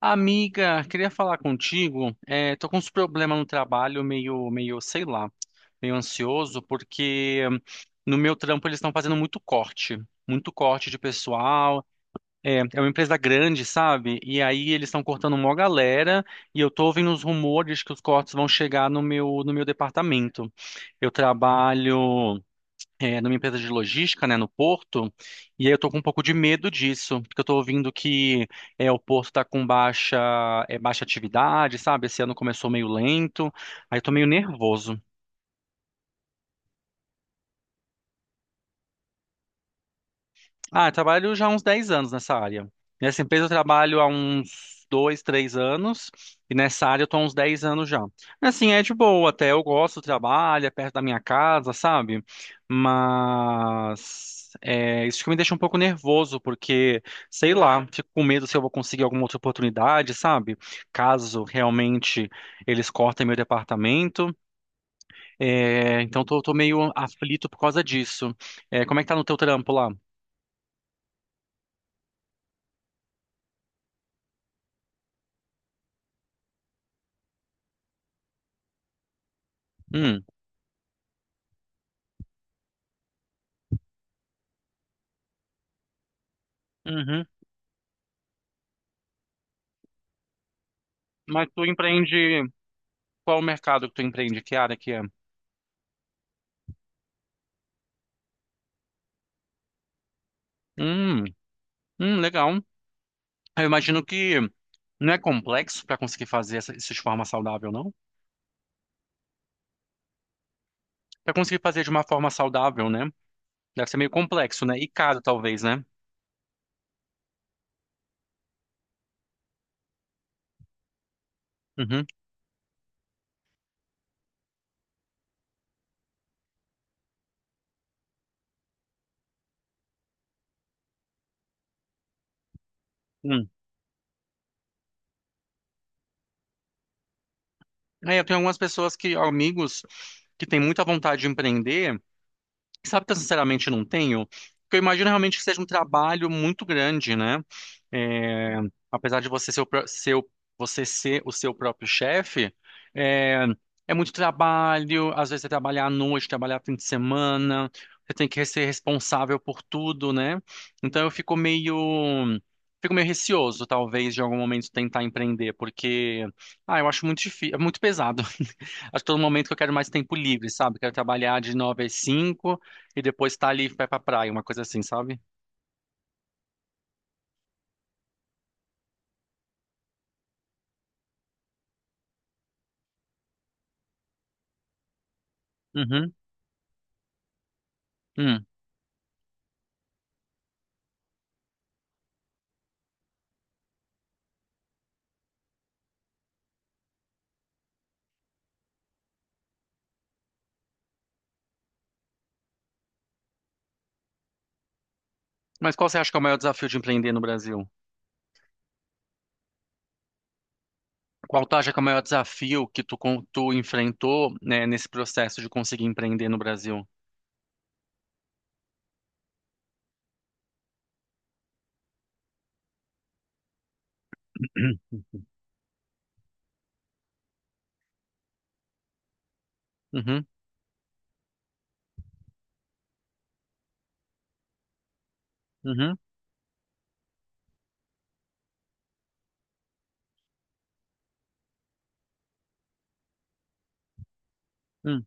Amiga, queria falar contigo. Tô com uns problemas no trabalho, meio, sei lá, meio ansioso, porque no meu trampo eles estão fazendo muito corte de pessoal. É uma empresa grande, sabe? E aí eles estão cortando mó galera, e eu tô ouvindo os rumores que os cortes vão chegar no meu departamento. Eu trabalho numa empresa de logística, né, no porto, e aí eu tô com um pouco de medo disso, porque eu tô ouvindo que o porto tá com baixa, baixa atividade, sabe? Esse ano começou meio lento, aí eu tô meio nervoso. Ah, eu trabalho já há uns 10 anos nessa área. Nessa empresa eu trabalho há uns 2, 3 anos, e nessa área eu tô há uns 10 anos já. Assim, é de boa até, eu gosto do trabalho, é perto da minha casa, sabe? Mas é, isso que me deixa um pouco nervoso, porque, sei lá, fico com medo se eu vou conseguir alguma outra oportunidade, sabe? Caso realmente eles cortem meu departamento. Então tô, meio aflito por causa disso. É, como é que tá no teu trampo lá? Hum. Mas tu empreende, qual o mercado que tu empreende? Que área que é? Hum, legal. Eu imagino que não é complexo para conseguir fazer isso de forma saudável, não? Para conseguir fazer de uma forma saudável, né? Deve ser meio complexo, né? E caro, talvez, né? Uhum. Hum. É, eu tenho algumas pessoas que, amigos, que têm muita vontade de empreender. Sabe que eu sinceramente não tenho? Porque eu imagino realmente que seja um trabalho muito grande, né? É, Apesar de você ser você ser o seu próprio chefe, é, é muito trabalho, às vezes é trabalhar à noite, trabalhar fim de semana, você tem que ser responsável por tudo, né? Então fico meio receoso, talvez, de algum momento tentar empreender, porque, ah, eu acho muito difícil, é muito pesado. Acho que todo momento que eu quero mais tempo livre, sabe? Quero trabalhar de nove às cinco e depois tá ali e vai pra praia, uma coisa assim, sabe? Uhum. Hum. Mas qual você acha que é o maior desafio de empreender no Brasil? Qual tu acha que é o maior desafio que tu enfrentou, né, nesse processo de conseguir empreender no Brasil? Uhum, uhum, hum.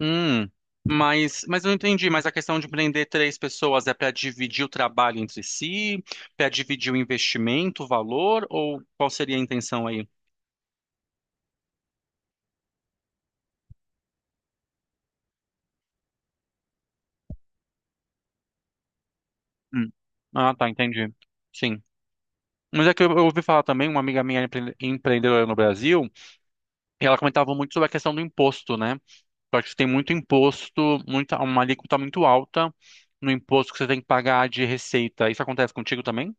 Hum. Mas eu não entendi, mas a questão de empreender três pessoas é para dividir o trabalho entre si, para dividir o investimento, o valor, ou qual seria a intenção aí? Hum. Ah, tá, entendi. Sim. Mas é que eu ouvi falar também, uma amiga minha é empreendedora no Brasil. E ela comentava muito sobre a questão do imposto, né? Eu acho que tem muito imposto, uma alíquota muito alta no imposto que você tem que pagar de receita. Isso acontece contigo também?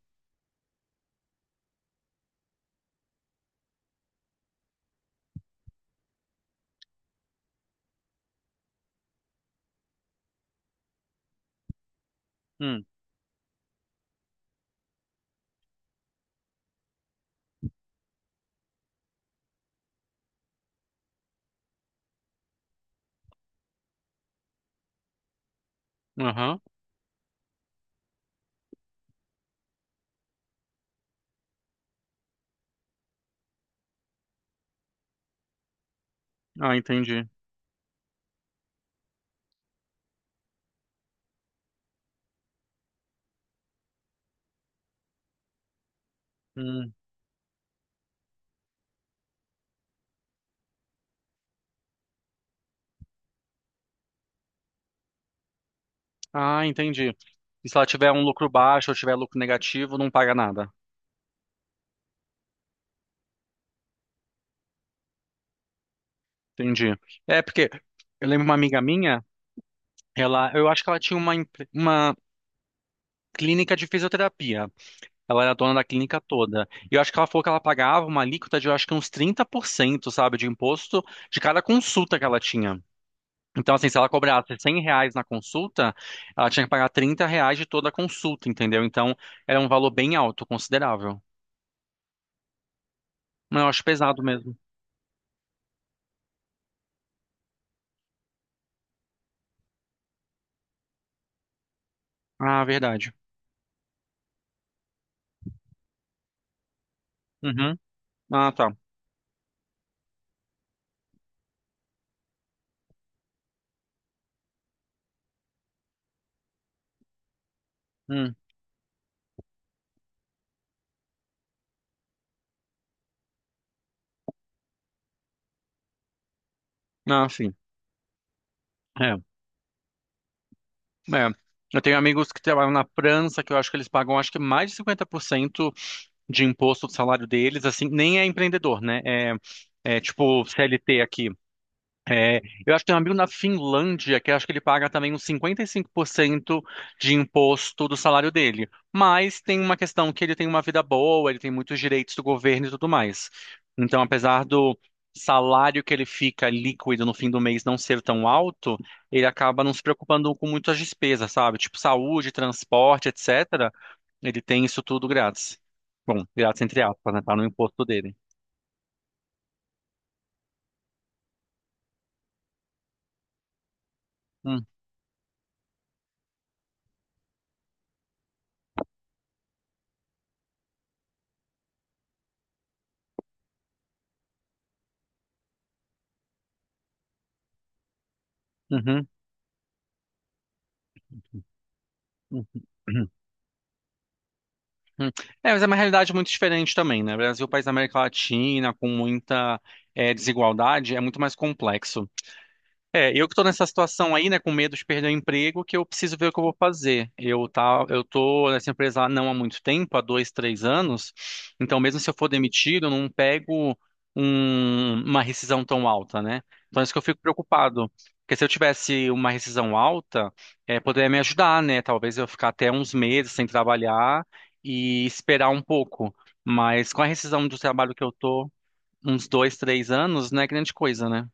Hum, aham. Ah, entendi. Hum. Ah, entendi. E se ela tiver um lucro baixo ou tiver lucro negativo, não paga nada. Entendi. É, porque eu lembro uma amiga minha, ela, eu acho que ela tinha uma clínica de fisioterapia. Ela era dona da clínica toda. E eu acho que ela falou que ela pagava uma alíquota de, eu acho que uns 30%, sabe, de imposto de cada consulta que ela tinha. Então, assim, se ela cobrasse 100 reais na consulta, ela tinha que pagar 30 reais de toda a consulta, entendeu? Então, era um valor bem alto, considerável. Mas eu acho pesado mesmo. Ah, verdade. Uhum. Ah, tá. Hum. Ah, sim. É. É. Eu tenho amigos que trabalham na França, que eu acho que eles pagam, acho que mais de 50% de imposto do salário deles, assim, nem é empreendedor, né? É, é tipo CLT aqui. É, eu acho que tem um amigo na Finlândia que eu acho que ele paga também uns 55% de imposto do salário dele. Mas tem uma questão que ele tem uma vida boa, ele tem muitos direitos do governo e tudo mais. Então, apesar do salário que ele fica líquido no fim do mês não ser tão alto, ele acaba não se preocupando com muitas despesas, sabe? Tipo saúde, transporte, etc. Ele tem isso tudo grátis. Bom, grátis entre aspas, né? Tá no imposto dele. Hum, uhum, uhum, uhum. Uhum. É, mas é uma realidade muito diferente também, né? Brasil, país da América Latina, com muita desigualdade, é muito mais complexo. É, eu que tô nessa situação aí, né, com medo de perder o emprego, que eu preciso ver o que eu vou fazer. Eu tô nessa empresa não há muito tempo, há dois, três anos, então mesmo se eu for demitido, eu não pego uma rescisão tão alta, né? Então é isso que eu fico preocupado, porque se eu tivesse uma rescisão alta, é, poderia me ajudar, né? Talvez eu ficar até uns meses sem trabalhar e esperar um pouco, mas com a rescisão do trabalho que eu tô, uns dois, três anos, não é grande coisa, né?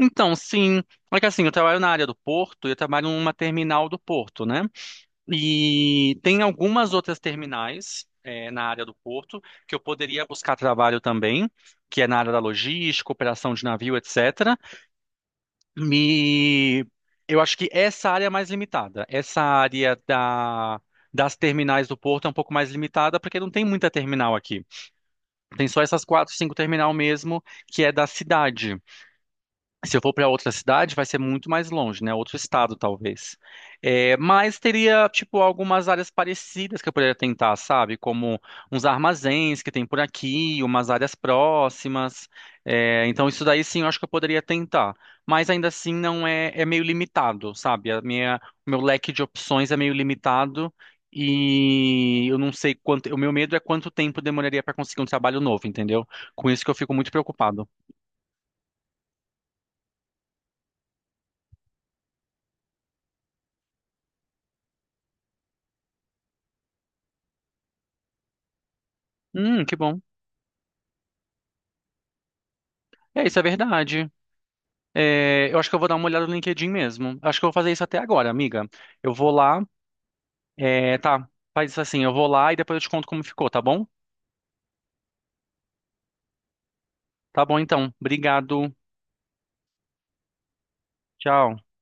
Então, sim. É que assim, eu trabalho na área do porto e eu trabalho numa terminal do porto, né? E tem algumas outras terminais na área do porto que eu poderia buscar trabalho também, que é na área da logística, operação de navio, etc. E eu acho que essa área é mais limitada. Essa das terminais do porto é um pouco mais limitada porque não tem muita terminal aqui. Tem só essas quatro, cinco terminal mesmo que é da cidade. Se eu for para outra cidade, vai ser muito mais longe, né? Outro estado, talvez. É, mas teria, tipo, algumas áreas parecidas que eu poderia tentar, sabe? Como uns armazéns que tem por aqui, umas áreas próximas. É, então, isso daí sim, eu acho que eu poderia tentar. Mas ainda assim, não é, é meio limitado, sabe? O meu leque de opções é meio limitado e eu não sei quanto. O meu medo é quanto tempo demoraria para conseguir um trabalho novo, entendeu? Com isso que eu fico muito preocupado. Que bom. É, isso é verdade. É, eu acho que eu vou dar uma olhada no LinkedIn mesmo. Acho que eu vou fazer isso até agora, amiga. Eu vou lá. É, tá, faz isso assim. Eu vou lá e depois eu te conto como ficou, tá bom? Tá bom, então. Obrigado. Tchau.